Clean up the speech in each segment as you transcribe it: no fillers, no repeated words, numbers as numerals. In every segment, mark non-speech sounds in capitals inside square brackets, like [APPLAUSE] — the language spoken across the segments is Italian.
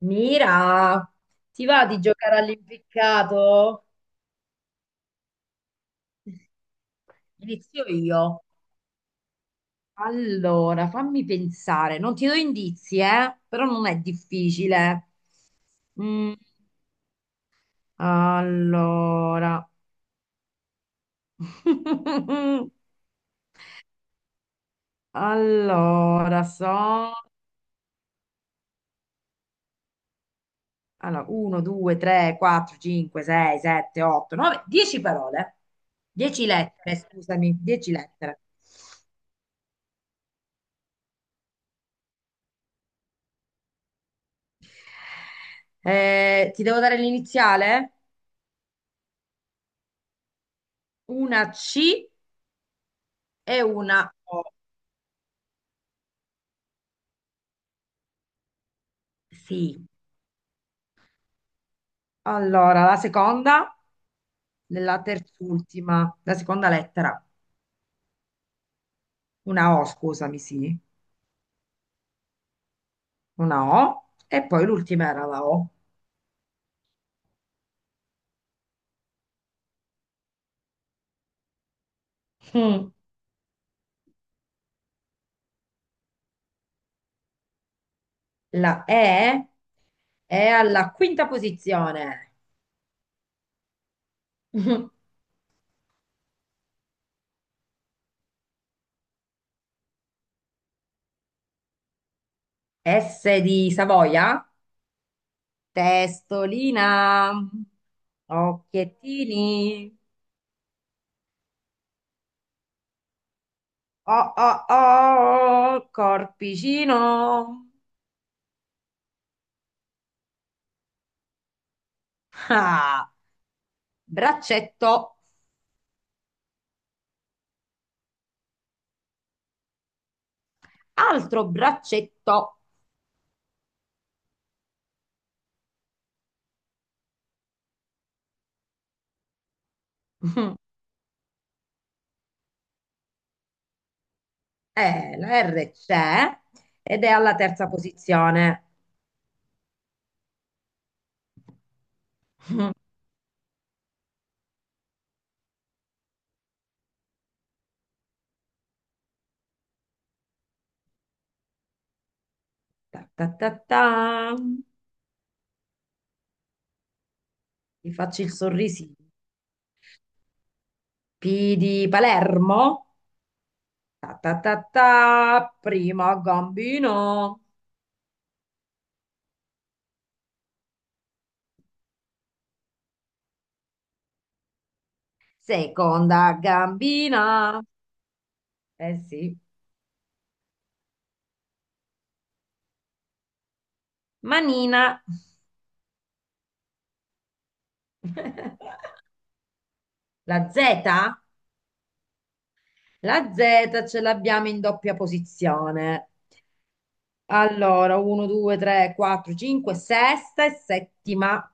Mira, ti va di giocare all'impiccato? Inizio io. Allora, fammi pensare, non ti do indizi, eh? Però non è difficile. Mm, allora, [LAUGHS] allora, Allora, 1, 2, 3, 4, 5, 6, 7, 8, 9, 10 parole. 10 lettere, scusami, 10 lettere. Ti devo dare l'iniziale? Una C e una O. Sì. Allora, la seconda della terz'ultima, la seconda lettera, una O, scusami, sì, una O, e poi l'ultima era la O. Mm. La E è alla quinta posizione. [LAUGHS] S di Savoia, testolina, occhiettini, oh oh oh, corpicino, ah, braccetto. Altro braccetto. [LAUGHS] La R c'è ed è alla terza posizione. Ta ta ta ta. Ti faccio il sorrisino. P di Palermo. Ta ta ta ta. Prima gambino. Seconda gambina. Eh sì. Manina. [LAUGHS] La Z? La Z ce l'abbiamo in doppia posizione. Allora, 1, 2, 3, 4, 5, sesta e settima.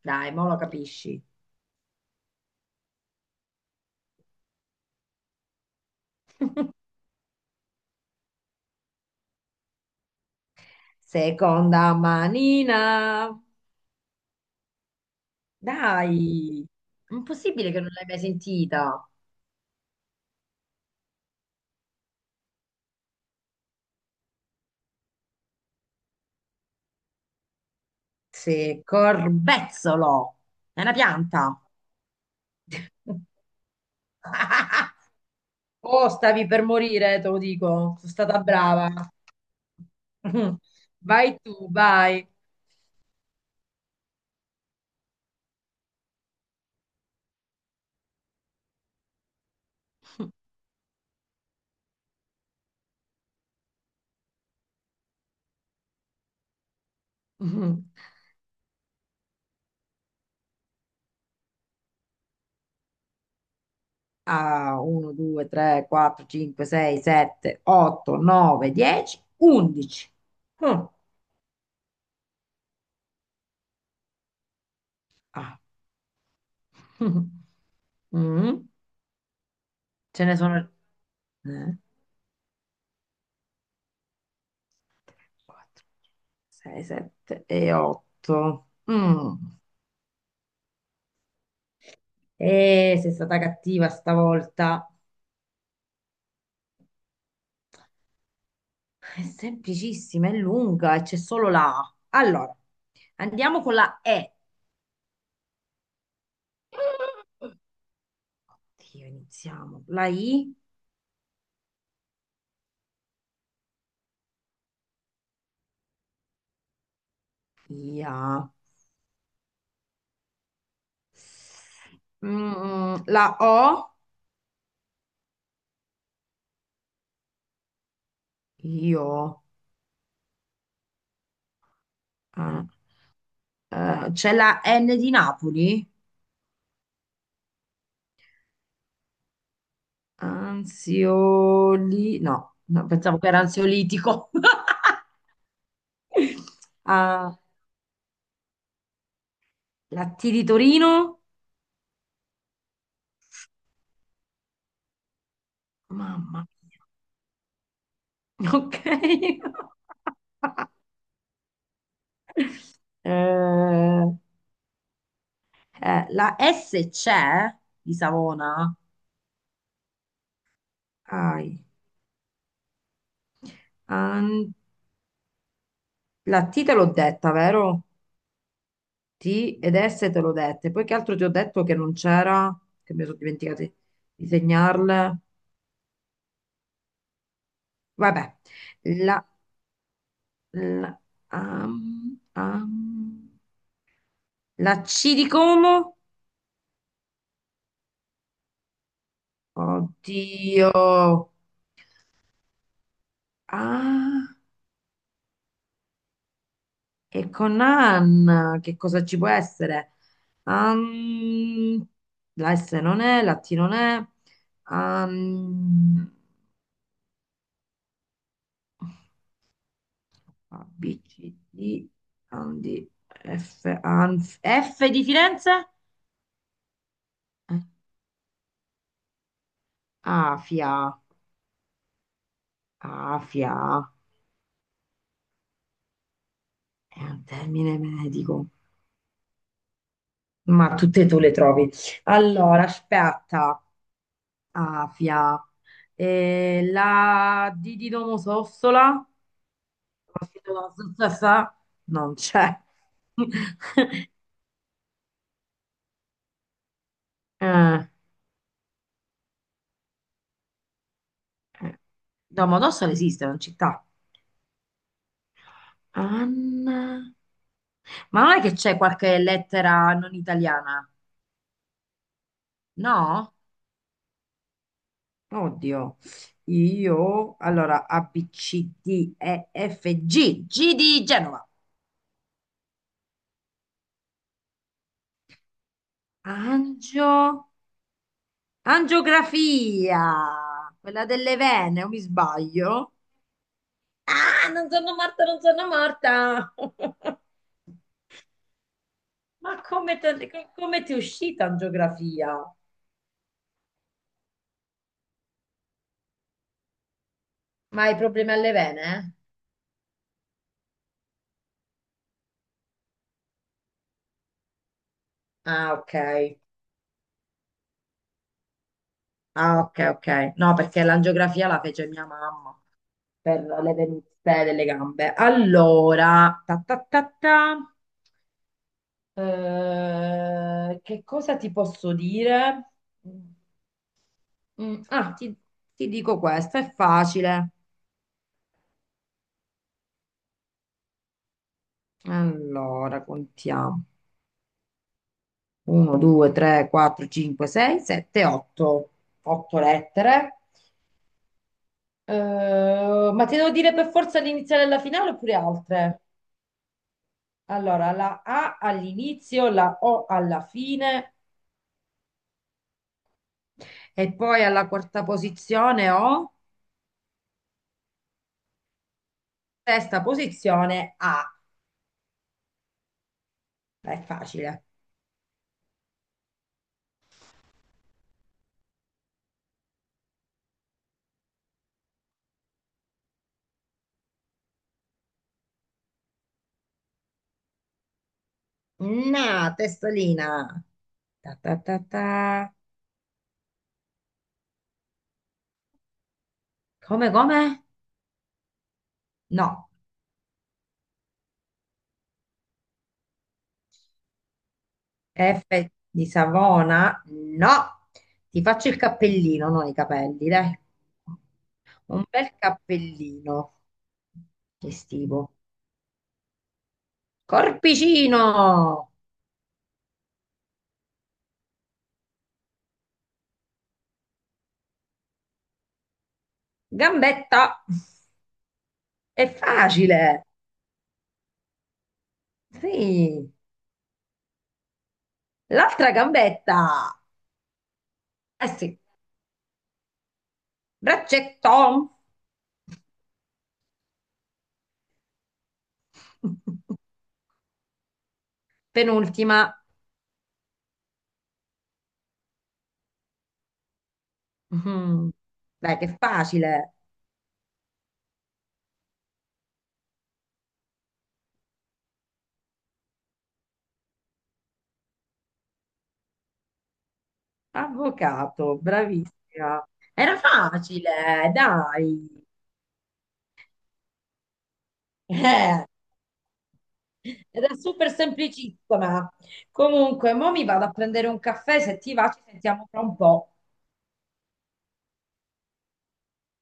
Dai, mo lo capisci. Seconda manina. Dai, impossibile che non l'hai mai sentita. Sì, corbezzolo. È una pianta. [LAUGHS] Oh, stavi per morire, te lo dico. Sono stata brava. [LAUGHS] Vai tu, vai. [LAUGHS] A 1, 2, 3, 4, 5, 6, 7, 8, 9, 10, 11. Oh, ah. [LAUGHS] Mm, Ce ne sono 4, 6, 7 e 8. E sei stata cattiva stavolta. È semplicissima, è lunga e c'è solo la A. Allora, andiamo con la E. Dio, iniziamo. La I, IA. La O, io, ah, c'è la N di Napoli? Ansioli, no, no, pensavo che era ansiolitico. [LAUGHS] Ah, la T di Torino? Mamma mia, ok. [LAUGHS] Eh, la S c'è di Savona? Ai, an- La T te l'ho detta, vero? T ed S te l'ho dette. Poi che altro ti ho detto che non c'era? Che mi sono dimenticata di segnarle. Vabbè, la, la, am- am- la C di Como? Oddio. Ah, e con Anna, che cosa ci può essere? Am- la S non è, la T non è. Am- A, B, C, D, Andi, F, Anf, F di Firenze? Eh, Afia, Afia, è un termine medico, ma tutte tu le trovi. Allora, aspetta, Afia. La D di Domodossola non c'è. [LAUGHS] Eh, eh, Domodossola esiste, è una città. Anna... Ma non è che c'è qualche lettera non italiana? No? Oddio, io allora A, B, C, D, E, F, G, G di Genova, angio, angiografia, quella delle vene, o mi sbaglio? Ah, non sono morta, non sono morta! [LAUGHS] Ma come, come ti è uscita in geografia? Ma hai problemi alle vene? Eh? Ah, ok. Ah, ok, ok. No, perché l'angiografia la fece mia mamma. Per le venute delle gambe. Allora, ta ta ta ta, che cosa ti posso dire? Ah, ti dico questo, è facile. Allora, contiamo. 1, 2, 3, 4, 5, 6, 7, 8. 8 lettere. Ma ti devo dire per forza l'iniziale e la finale oppure altre? Allora, la A all'inizio, la O alla fine. E poi alla quarta posizione ho sesta posizione A. È facile. Na, testolina. Ta, ta, ta, ta. Come, come? No. F di Savona? No. Ti faccio il cappellino, non i capelli, dai. Un bel cappellino estivo. Corpicino. Gambetta. È facile. Sì. L'altra gambetta. Eh sì. Braccetto! [LAUGHS] Penultima. Mhm. Dai, che facile. Avvocato, bravissima. Era facile, dai. Eh, Era super semplicissima. Comunque, mo mi vado a prendere un caffè, se ti va ci sentiamo tra un po'.